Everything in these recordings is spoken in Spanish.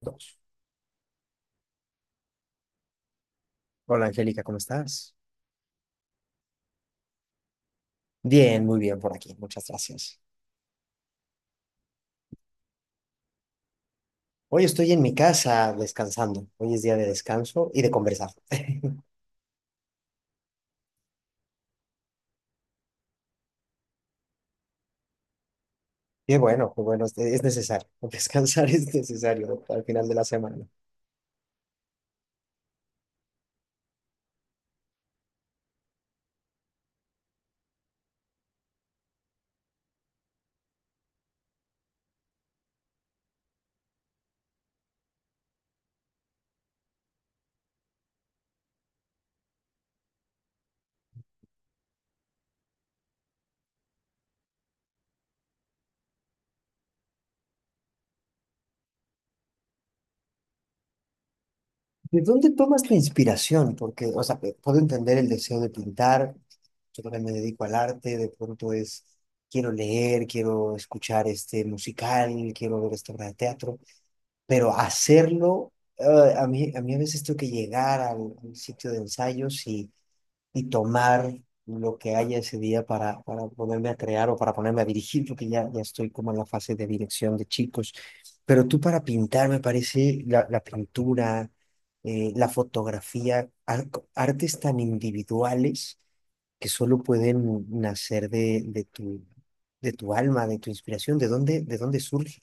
Dos. Hola Angélica, ¿cómo estás? Bien, muy bien por aquí, muchas gracias. Hoy estoy en mi casa descansando. Hoy es día de descanso y de conversar. Qué bueno, es necesario. Descansar es necesario al final de la semana. ¿De dónde tomas tu inspiración? Porque, o sea, puedo entender el deseo de pintar. Yo también me dedico al arte, de pronto es, quiero leer, quiero escuchar este musical, quiero ver esta obra de teatro. Pero hacerlo, a mí a veces tengo que llegar al sitio de ensayos y tomar lo que haya ese día para ponerme a crear o para ponerme a dirigir, porque ya estoy como en la fase de dirección de chicos. Pero tú para pintar, me parece la pintura, la fotografía, artes tan individuales que solo pueden nacer de tu alma, de tu inspiración, de dónde surge.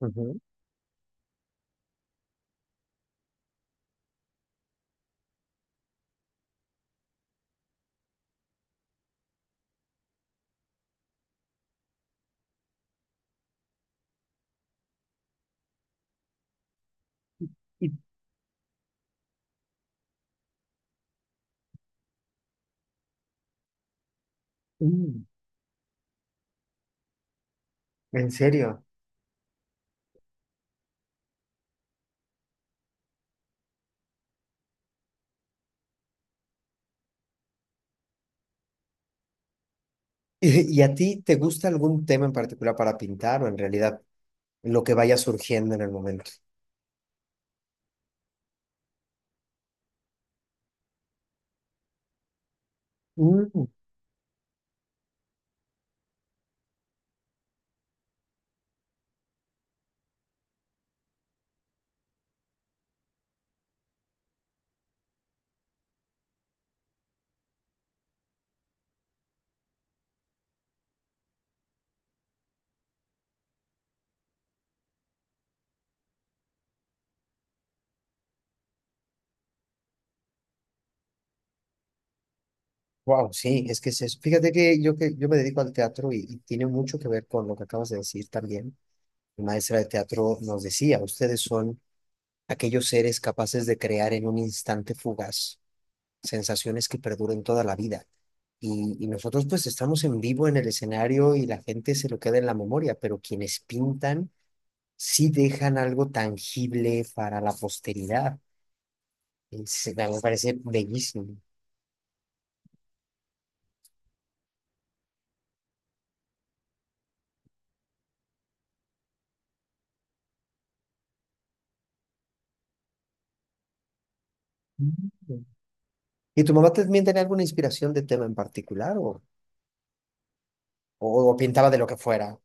Ujú. Y, mm, en serio. Y a ti te gusta algún tema en particular para pintar o en realidad lo que vaya surgiendo en el momento? Wow, sí, es que es eso. Fíjate que yo me dedico al teatro y tiene mucho que ver con lo que acabas de decir también. Mi maestra de teatro nos decía, ustedes son aquellos seres capaces de crear en un instante fugaz sensaciones que perduren toda la vida. Y nosotros pues estamos en vivo en el escenario y la gente se lo queda en la memoria, pero quienes pintan sí dejan algo tangible para la posteridad. A mí me parece bellísimo. Mm. ¿Y tu mamá también tenía alguna inspiración de tema en particular o pintaba de lo que fuera?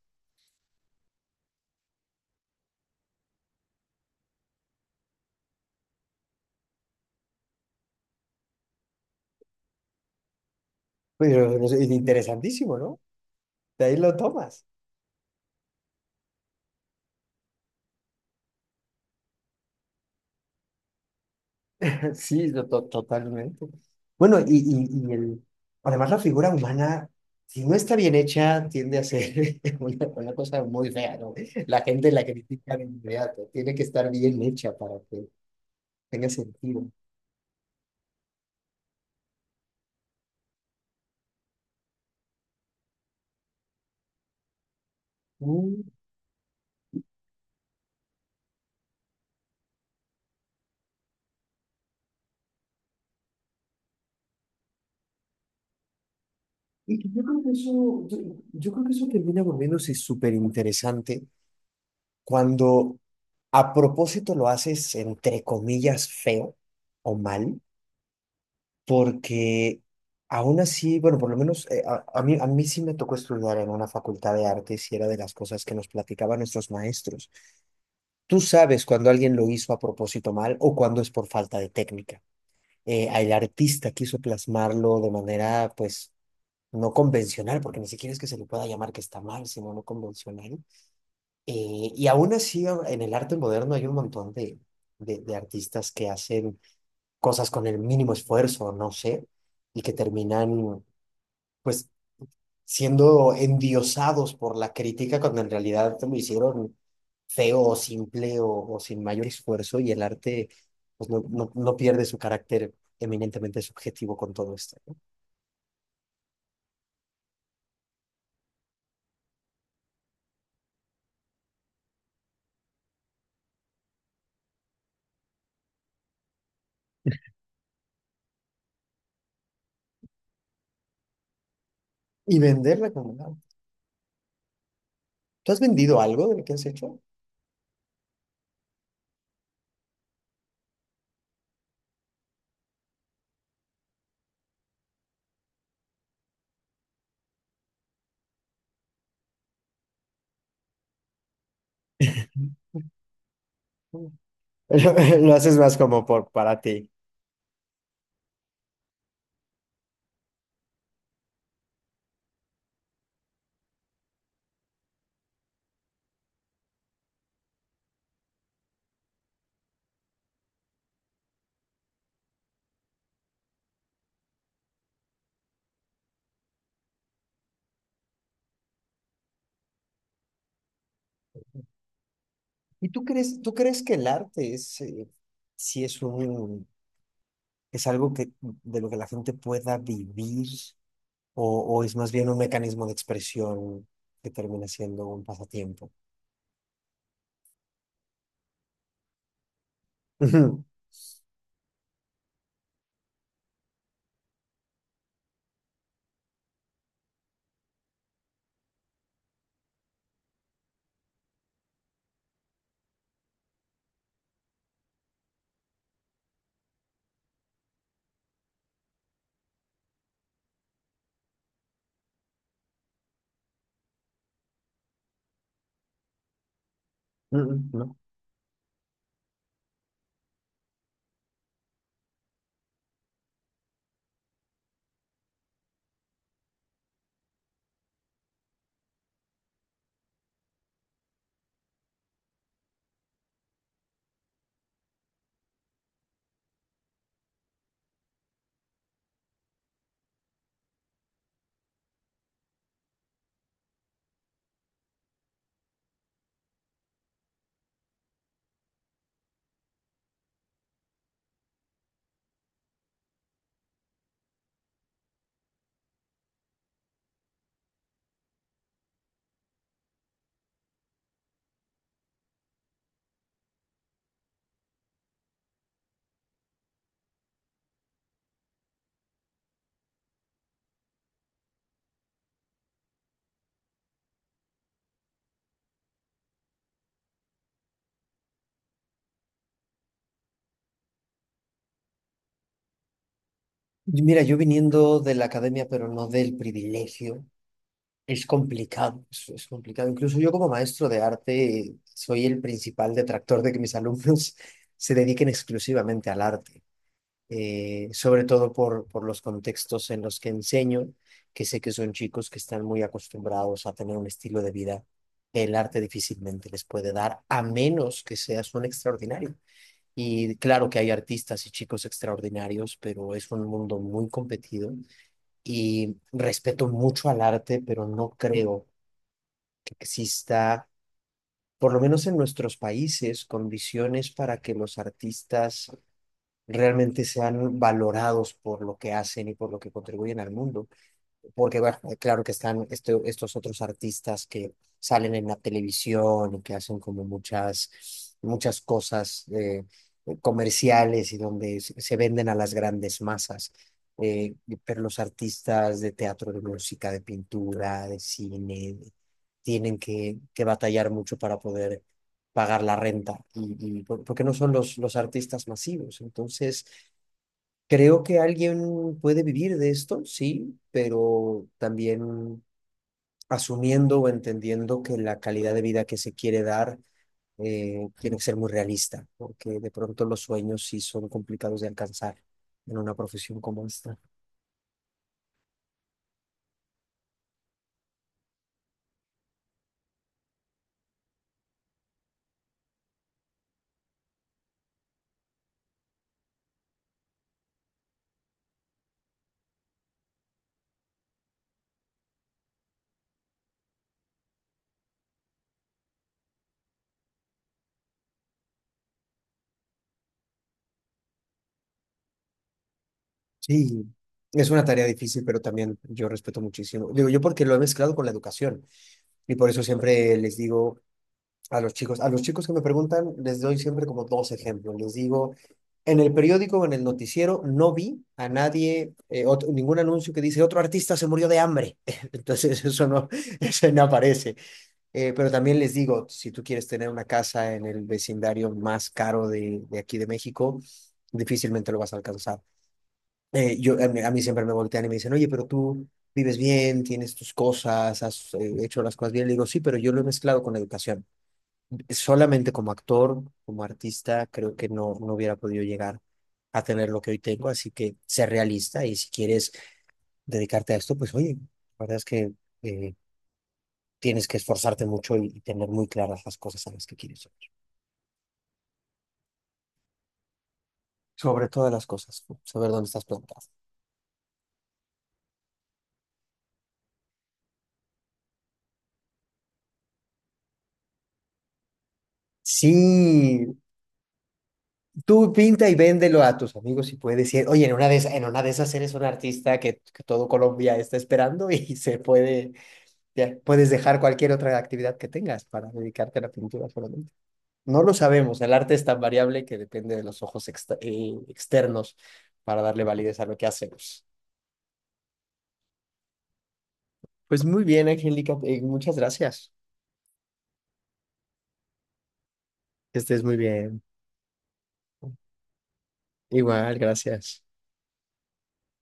Pero es interesantísimo, ¿no? De ahí lo tomas. Sí, totalmente. Bueno, además la figura humana, si no está bien hecha, tiende a ser una cosa muy fea, ¿no? La gente la critica de inmediato. Tiene que estar bien hecha para que tenga sentido. Y que yo creo que eso, yo creo que eso termina volviéndose súper interesante cuando a propósito lo haces entre comillas feo o mal, porque aún así, bueno, por lo menos a mí sí me tocó estudiar en una facultad de artes y era de las cosas que nos platicaban nuestros maestros. Tú sabes cuando alguien lo hizo a propósito mal o cuando es por falta de técnica. El artista quiso plasmarlo de manera, pues no convencional, porque ni siquiera es que se le pueda llamar que está mal, sino no convencional. Y aún así, en el arte moderno hay un montón de artistas que hacen cosas con el mínimo esfuerzo, no sé, y que terminan, pues, siendo endiosados por la crítica cuando en realidad lo hicieron feo o simple o sin mayor esfuerzo y el arte, pues, no pierde su carácter eminentemente subjetivo con todo esto, ¿no? Y venderla como un… ¿Tú has vendido algo de lo que has hecho? Mm. Lo, lo haces más como por para ti. ¿Y ¿tú crees, tú crees que el arte es, sí es un, es algo que, de lo que la gente pueda vivir o, o es más bien un mecanismo de expresión que termina siendo un pasatiempo? Ujú, ujú, ¿no? Y mira, yo viniendo de la academia, pero no del privilegio, es complicado, es complicado. Incluso yo como maestro de arte soy el principal detractor de que mis alumnos se dediquen exclusivamente al arte. Sobre todo por los contextos en los que enseño, que sé que son chicos que están muy acostumbrados a tener un estilo de vida que el arte difícilmente les puede dar, a menos que seas un extraordinario. Y claro que hay artistas y chicos extraordinarios, pero es un mundo muy competido y respeto mucho al arte, pero no creo que exista, por lo menos en nuestros países, condiciones para que los artistas realmente sean valorados por lo que hacen y por lo que contribuyen al mundo. Porque, bueno, claro que están estos otros artistas que salen en la televisión y que hacen como muchas, muchas cosas comerciales y donde se venden a las grandes masas. Eh, pero los artistas de teatro, de música, de pintura, de cine, tienen que batallar mucho para poder pagar la renta y porque no son los artistas masivos. Entonces, creo que alguien puede vivir de esto, sí, pero también asumiendo o entendiendo que la calidad de vida que se quiere dar tiene que ser muy realista, porque de pronto los sueños sí son complicados de alcanzar en una profesión como esta. Sí, es una tarea difícil, pero también yo respeto muchísimo. Digo yo porque lo he mezclado con la educación y por eso siempre les digo a los chicos, a los chicos que me preguntan, les doy siempre como dos ejemplos. Les digo, en el periódico en el noticiero no vi a nadie, ningún anuncio que dice otro artista se murió de hambre. Entonces eso no, eso no aparece. Pero también les digo, si tú quieres tener una casa en el vecindario más caro de aquí de México, difícilmente lo vas a alcanzar. A mí siempre me voltean y me dicen, oye, pero tú vives bien, tienes tus cosas, has hecho las cosas bien. Le digo, sí, pero yo lo he mezclado con la educación. Solamente como actor, como artista, creo que no hubiera podido llegar a tener lo que hoy tengo, así que sé realista y si quieres dedicarte a esto, pues oye, la verdad es que eh, tienes que esforzarte mucho y tener muy claras las cosas a las que quieres llegar. Sobre todas las cosas, pues, saber dónde estás plantado. Sí, tú pinta y véndelo a tus amigos y puedes decir, oye, en una de esas, en una de esas eres un artista que todo Colombia está esperando y se puede… Ya, puedes dejar cualquier otra actividad que tengas para dedicarte a la pintura solamente. No lo sabemos, el arte es tan variable que depende de los ojos externos para darle validez a lo que hacemos. Pues muy bien, Angélica, muchas gracias. Que estés muy bien. Igual, gracias.